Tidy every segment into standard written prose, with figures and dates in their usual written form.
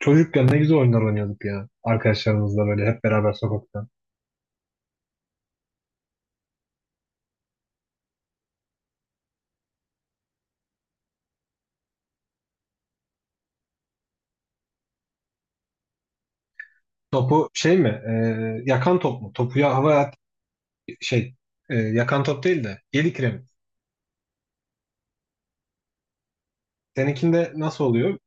Çocukken ne güzel oyunlar oynuyorduk ya. Arkadaşlarımızla böyle hep beraber sokakta. Topu şey mi? Yakan top mu? Topu ya havaya at- şey e, Yakan top değil de yedi kiremit. Seninkinde nasıl oluyor?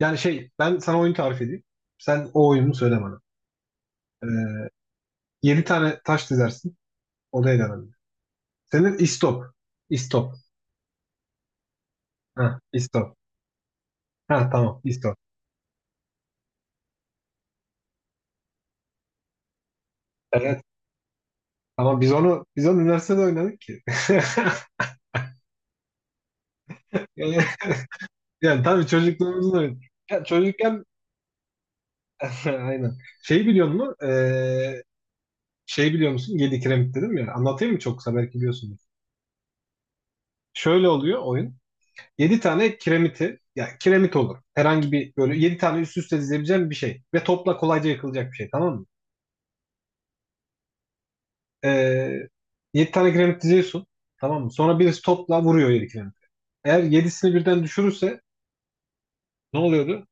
Yani şey ben sana oyun tarif edeyim. Sen o oyunu söyle bana. E, Yedi tane taş dizersin. Odaya dönelim. Senin istop. İstop. Ha, istop. Ha, tamam istop. Evet. Ama biz onu üniversitede oynadık ki. Yani, yani tabii çocukluğumuzda oynadık. Ya çocukken. Aynen. Şey biliyor musun? 7 kiremit dedim ya. Anlatayım mı çok kısa? Belki biliyorsunuz. Şöyle oluyor oyun. 7 tane kiremiti, ya kiremit olur. Herhangi bir böyle 7 tane üst üste dizebileceğin bir şey. Ve topla kolayca yıkılacak bir şey. Tamam mı? Ee, yedi tane kiremit diziyorsun. Tamam mı? Sonra birisi topla vuruyor 7 kiremit. Eğer yedisini birden düşürürse ne oluyordu?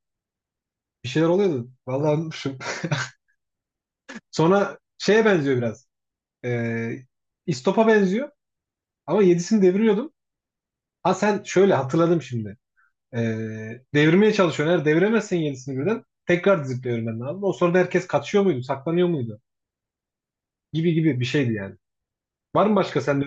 Bir şeyler oluyordu. Vallahi unutmuşum. Sonra şeye benziyor biraz. Ee, İstop'a benziyor. Ama yedisini deviriyordum. Ha, sen şöyle hatırladım şimdi. Devirmeye çalışıyorsun. Eğer deviremezsen yedisini birden tekrar dizip devirmen lazım. O sırada herkes kaçıyor muydu, saklanıyor muydu? Gibi gibi bir şeydi yani. Var mı başka sende?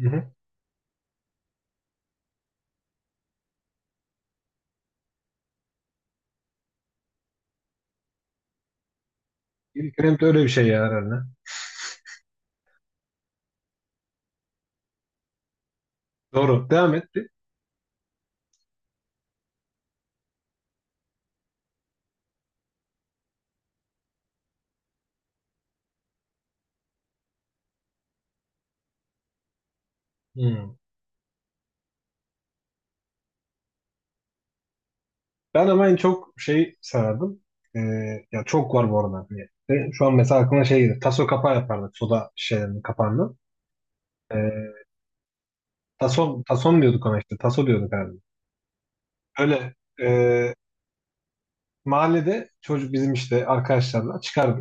Hı hı. İlk Rem'de öyle bir şey ya herhalde. Doğru. Devam et. Bir. Hı. Ben ama en çok şey sarardım. Ee, Ya çok var bu arada. Hani, şu an mesela aklıma şey gelir. Taso kapağı yapardık. Soda şişelerinin kapağından. Ee, Taso, tason diyorduk ona işte. Taso diyorduk herhalde. Öyle. e, Mahallede çocuk bizim işte arkadaşlarla çıkar.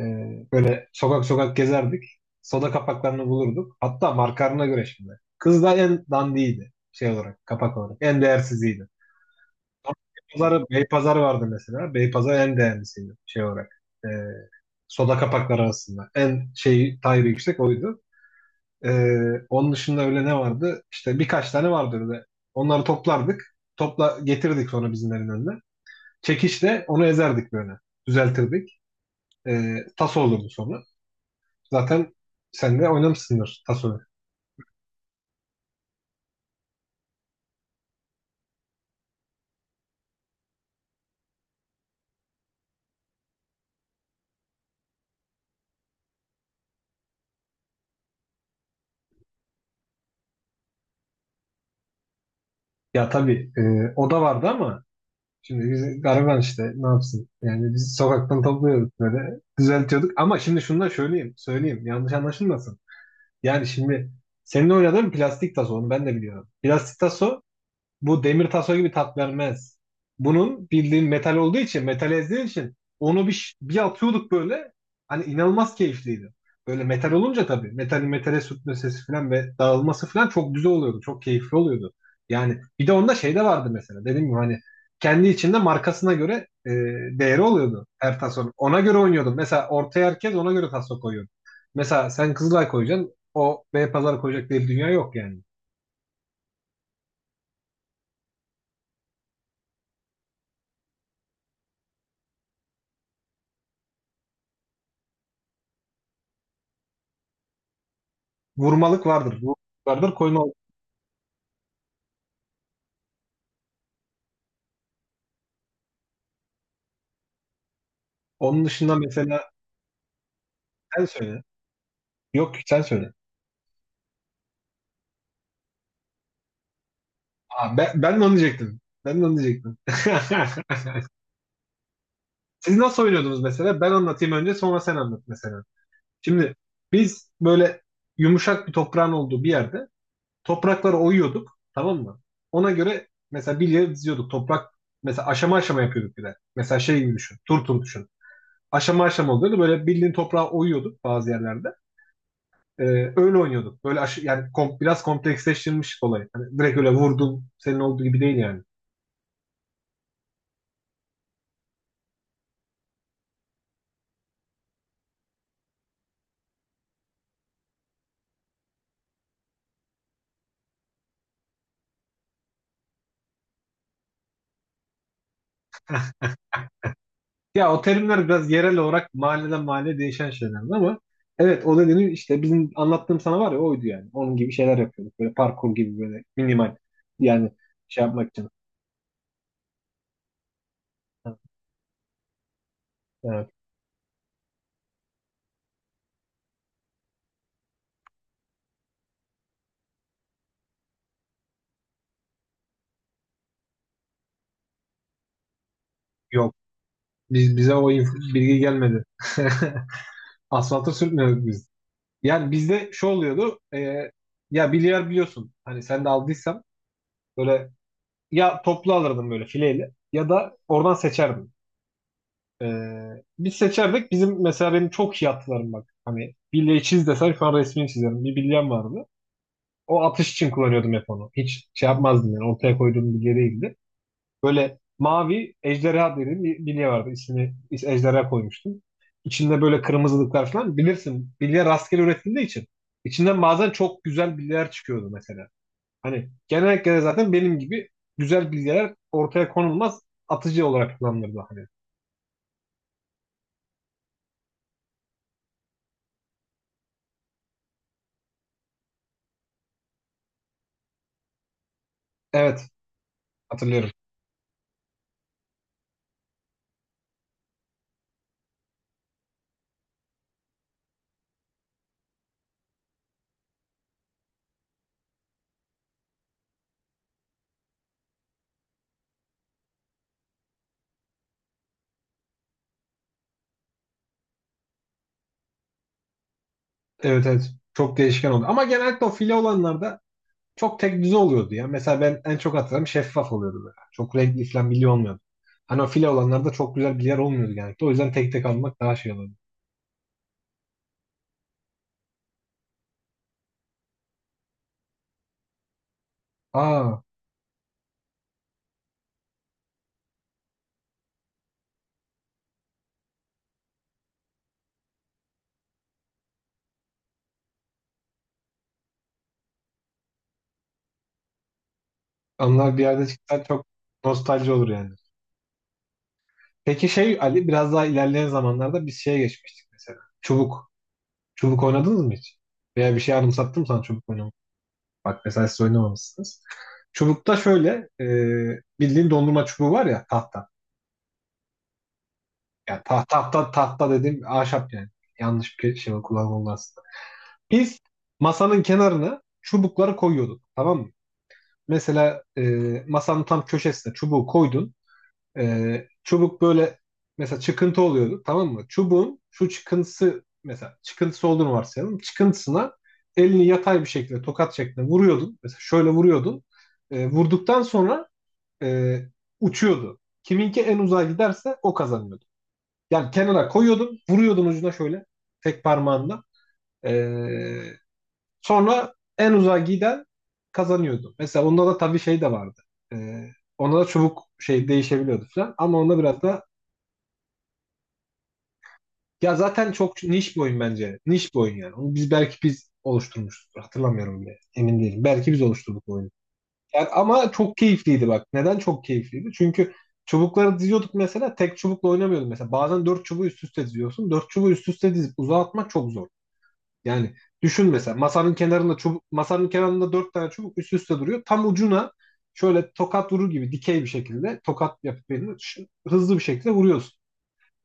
Ee, Böyle sokak sokak gezerdik. Soda kapaklarını bulurduk. Hatta markalarına göre şimdi. Kız da en dandiydi şey olarak, kapak olarak. En değersiziydi. Sonra Beypazarı, Beypazarı vardı mesela. Beypazarı en değerlisiydi şey olarak. Soda kapakları arasında. En şey tayri yüksek oydu. Ee, Onun dışında öyle ne vardı? İşte birkaç tane vardı öyle. Onları toplardık. Topla getirdik sonra bizimlerin önüne. Çekişle onu ezerdik böyle. Düzeltirdik. Tas olurdu sonra. Zaten sen de oynamışsındır Taso'yu. Ya tabii o da vardı ama şimdi biz gariban işte ne yapsın? Yani biz sokaktan topluyorduk böyle düzeltiyorduk. Ama şimdi şunu da söyleyeyim, yanlış anlaşılmasın. Yani şimdi senin oynadığın plastik taso onu ben de biliyorum. Plastik taso bu demir taso gibi tat vermez. Bunun bildiğin metal olduğu için, metal ezdiği için onu bir atıyorduk böyle. Hani inanılmaz keyifliydi. Böyle metal olunca tabii. Metalin metale sürtme sesi falan ve dağılması falan çok güzel oluyordu. Çok keyifli oluyordu. Yani bir de onda şey de vardı mesela. Dediğim gibi hani kendi içinde markasına göre e, değeri oluyordu her tasonun. Ona göre oynuyordum. Mesela ortaya herkes ona göre taso koyuyordu. Mesela sen Kızılay koyacaksın. O Beypazarı koyacak diye bir dünya yok yani. Vurmalık vardır. Vurmalık vardır. Koyma onun dışında mesela sen söyle. Yok sen söyle. Aa, ben de onu diyecektim. Ben de onu diyecektim. Siz nasıl oynuyordunuz mesela? Ben anlatayım önce sonra sen anlat mesela. Şimdi biz böyle yumuşak bir toprağın olduğu bir yerde toprakları oyuyorduk, tamam mı? Ona göre mesela bilye diziyorduk. Toprak mesela aşama aşama yapıyorduk bir de. Mesela şey gibi düşün. Tur tur düşün. Aşama aşama oluyordu. Böyle bildiğin toprağı oyuyorduk bazı yerlerde. Ee, Öyle oynuyorduk. Böyle yani biraz kompleksleştirilmiş olay. Hani direkt öyle vurdum senin olduğu gibi değil yani. Ya o terimler biraz yerel olarak mahalleden mahalleye değişen şeyler ama evet o dediğini işte bizim anlattığım sana var ya oydu yani. Onun gibi şeyler yapıyorduk. Böyle parkur gibi böyle minimal yani şey yapmak için. Ha, evet. Yok. Bize o bilgi gelmedi. Asfalta sürtmüyorduk biz. Yani bizde şu oluyordu. Ya bilyar biliyorsun. Hani sen de aldıysan böyle ya toplu alırdım böyle fileyle ya da oradan seçerdim. Ee, Biz seçerdik. Bizim mesela benim çok iyi atlarım bak. Hani bilye çiz desen şu an resmini çizerim. Bir bilyem vardı. O atış için kullanıyordum hep onu. Hiç şey yapmazdım yani. Ortaya koyduğum bilye değildi. Böyle mavi ejderha dediğim bir bilye vardı. İsmini ejderha koymuştum. İçinde böyle kırmızılıklar falan. Bilirsin bilye rastgele üretildiği için. İçinden bazen çok güzel bilyeler çıkıyordu mesela. Hani genellikle zaten benim gibi güzel bilgiler ortaya konulmaz, atıcı olarak kullanılırdı hani. Evet, hatırlıyorum. Evet, evet çok değişken oldu. Ama genellikle o file olanlarda çok tek düze oluyordu ya. Mesela ben en çok hatırlarım şeffaf oluyordu böyle. Çok renkli falan bilgi olmuyordu. Hani o file olanlarda çok güzel bilgiler olmuyordu genellikle. O yüzden tek tek almak daha şey oluyordu. Aa, onlar bir yerde çıksa çok nostalji olur yani. Peki şey Ali, biraz daha ilerleyen zamanlarda biz şeye geçmiştik mesela. Çubuk. Çubuk oynadınız mı hiç? Veya bir şey anımsattım sana çubuk oynamak. Bak mesela siz oynamamışsınız. Çubukta şöyle bildiğin dondurma çubuğu var ya, tahta. Yani tahta dediğim ahşap yani. Yanlış bir şey kullanıldı aslında. Biz masanın kenarına çubukları koyuyorduk. Tamam mı? Mesela masanın tam köşesine çubuğu koydun. Çubuk böyle mesela çıkıntı oluyordu, tamam mı? Çubuğun şu çıkıntısı, mesela çıkıntısı olduğunu varsayalım. Çıkıntısına elini yatay bir şekilde tokat şeklinde vuruyordun. Mesela şöyle vuruyordun. Vurduktan sonra e, uçuyordu. Kiminki en uzağa giderse o kazanıyordu. Yani kenara koyuyordun, vuruyordun ucuna şöyle tek parmağında. Ee, Sonra en uzağa giden kazanıyordu. Mesela onda da tabii şey de vardı. Ee, Ona da çubuk şey değişebiliyordu falan. Ama onda biraz da ya zaten çok niş bir oyun bence. Niş bir oyun yani. Onu biz belki biz oluşturmuşuzdur. Hatırlamıyorum bile. Emin değilim. Belki biz oluşturduk bu oyunu. Yani ama çok keyifliydi bak. Neden çok keyifliydi? Çünkü çubukları diziyorduk mesela. Tek çubukla oynamıyorduk mesela. Bazen dört çubuğu üst üste diziyorsun. Dört çubuğu üst üste dizip uzağa atmak çok zor. Yani düşün mesela masanın kenarında çubuk, masanın kenarında dört tane çubuk üst üste duruyor. Tam ucuna şöyle tokat vurur gibi dikey bir şekilde tokat yapıp elini hızlı bir şekilde vuruyorsun,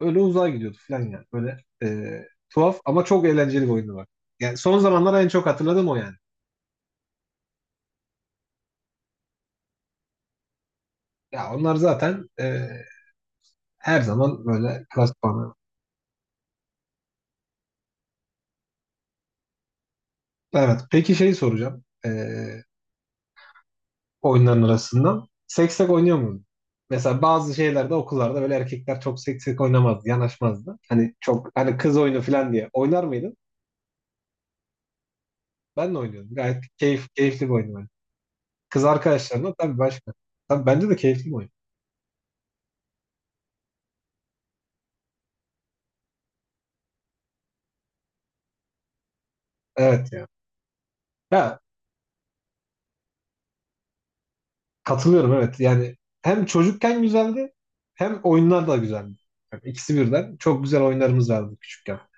öyle uzağa gidiyordu falan yani. Böyle e, tuhaf ama çok eğlenceli bir oyundu bak. Yani son zamanlar en çok hatırladığım o yani. Ya onlar zaten her zaman böyle klas puanı. Evet. Peki şeyi soracağım. Oyunların arasından. Seksek oynuyor muydun? Mesela bazı şeylerde okullarda böyle erkekler çok seksek oynamazdı, yanaşmazdı. Hani çok hani kız oyunu falan diye. Oynar mıydın? Ben de oynuyordum. Gayet keyifli bir oyun yani. Kız arkadaşlarımla tabii başka. Tabii bence de keyifli bir oyun. Evet ya. Ya, katılıyorum, evet. Yani hem çocukken güzeldi hem oyunlar da güzeldi. Yani ikisi birden. Çok güzel oyunlarımız vardı küçükken.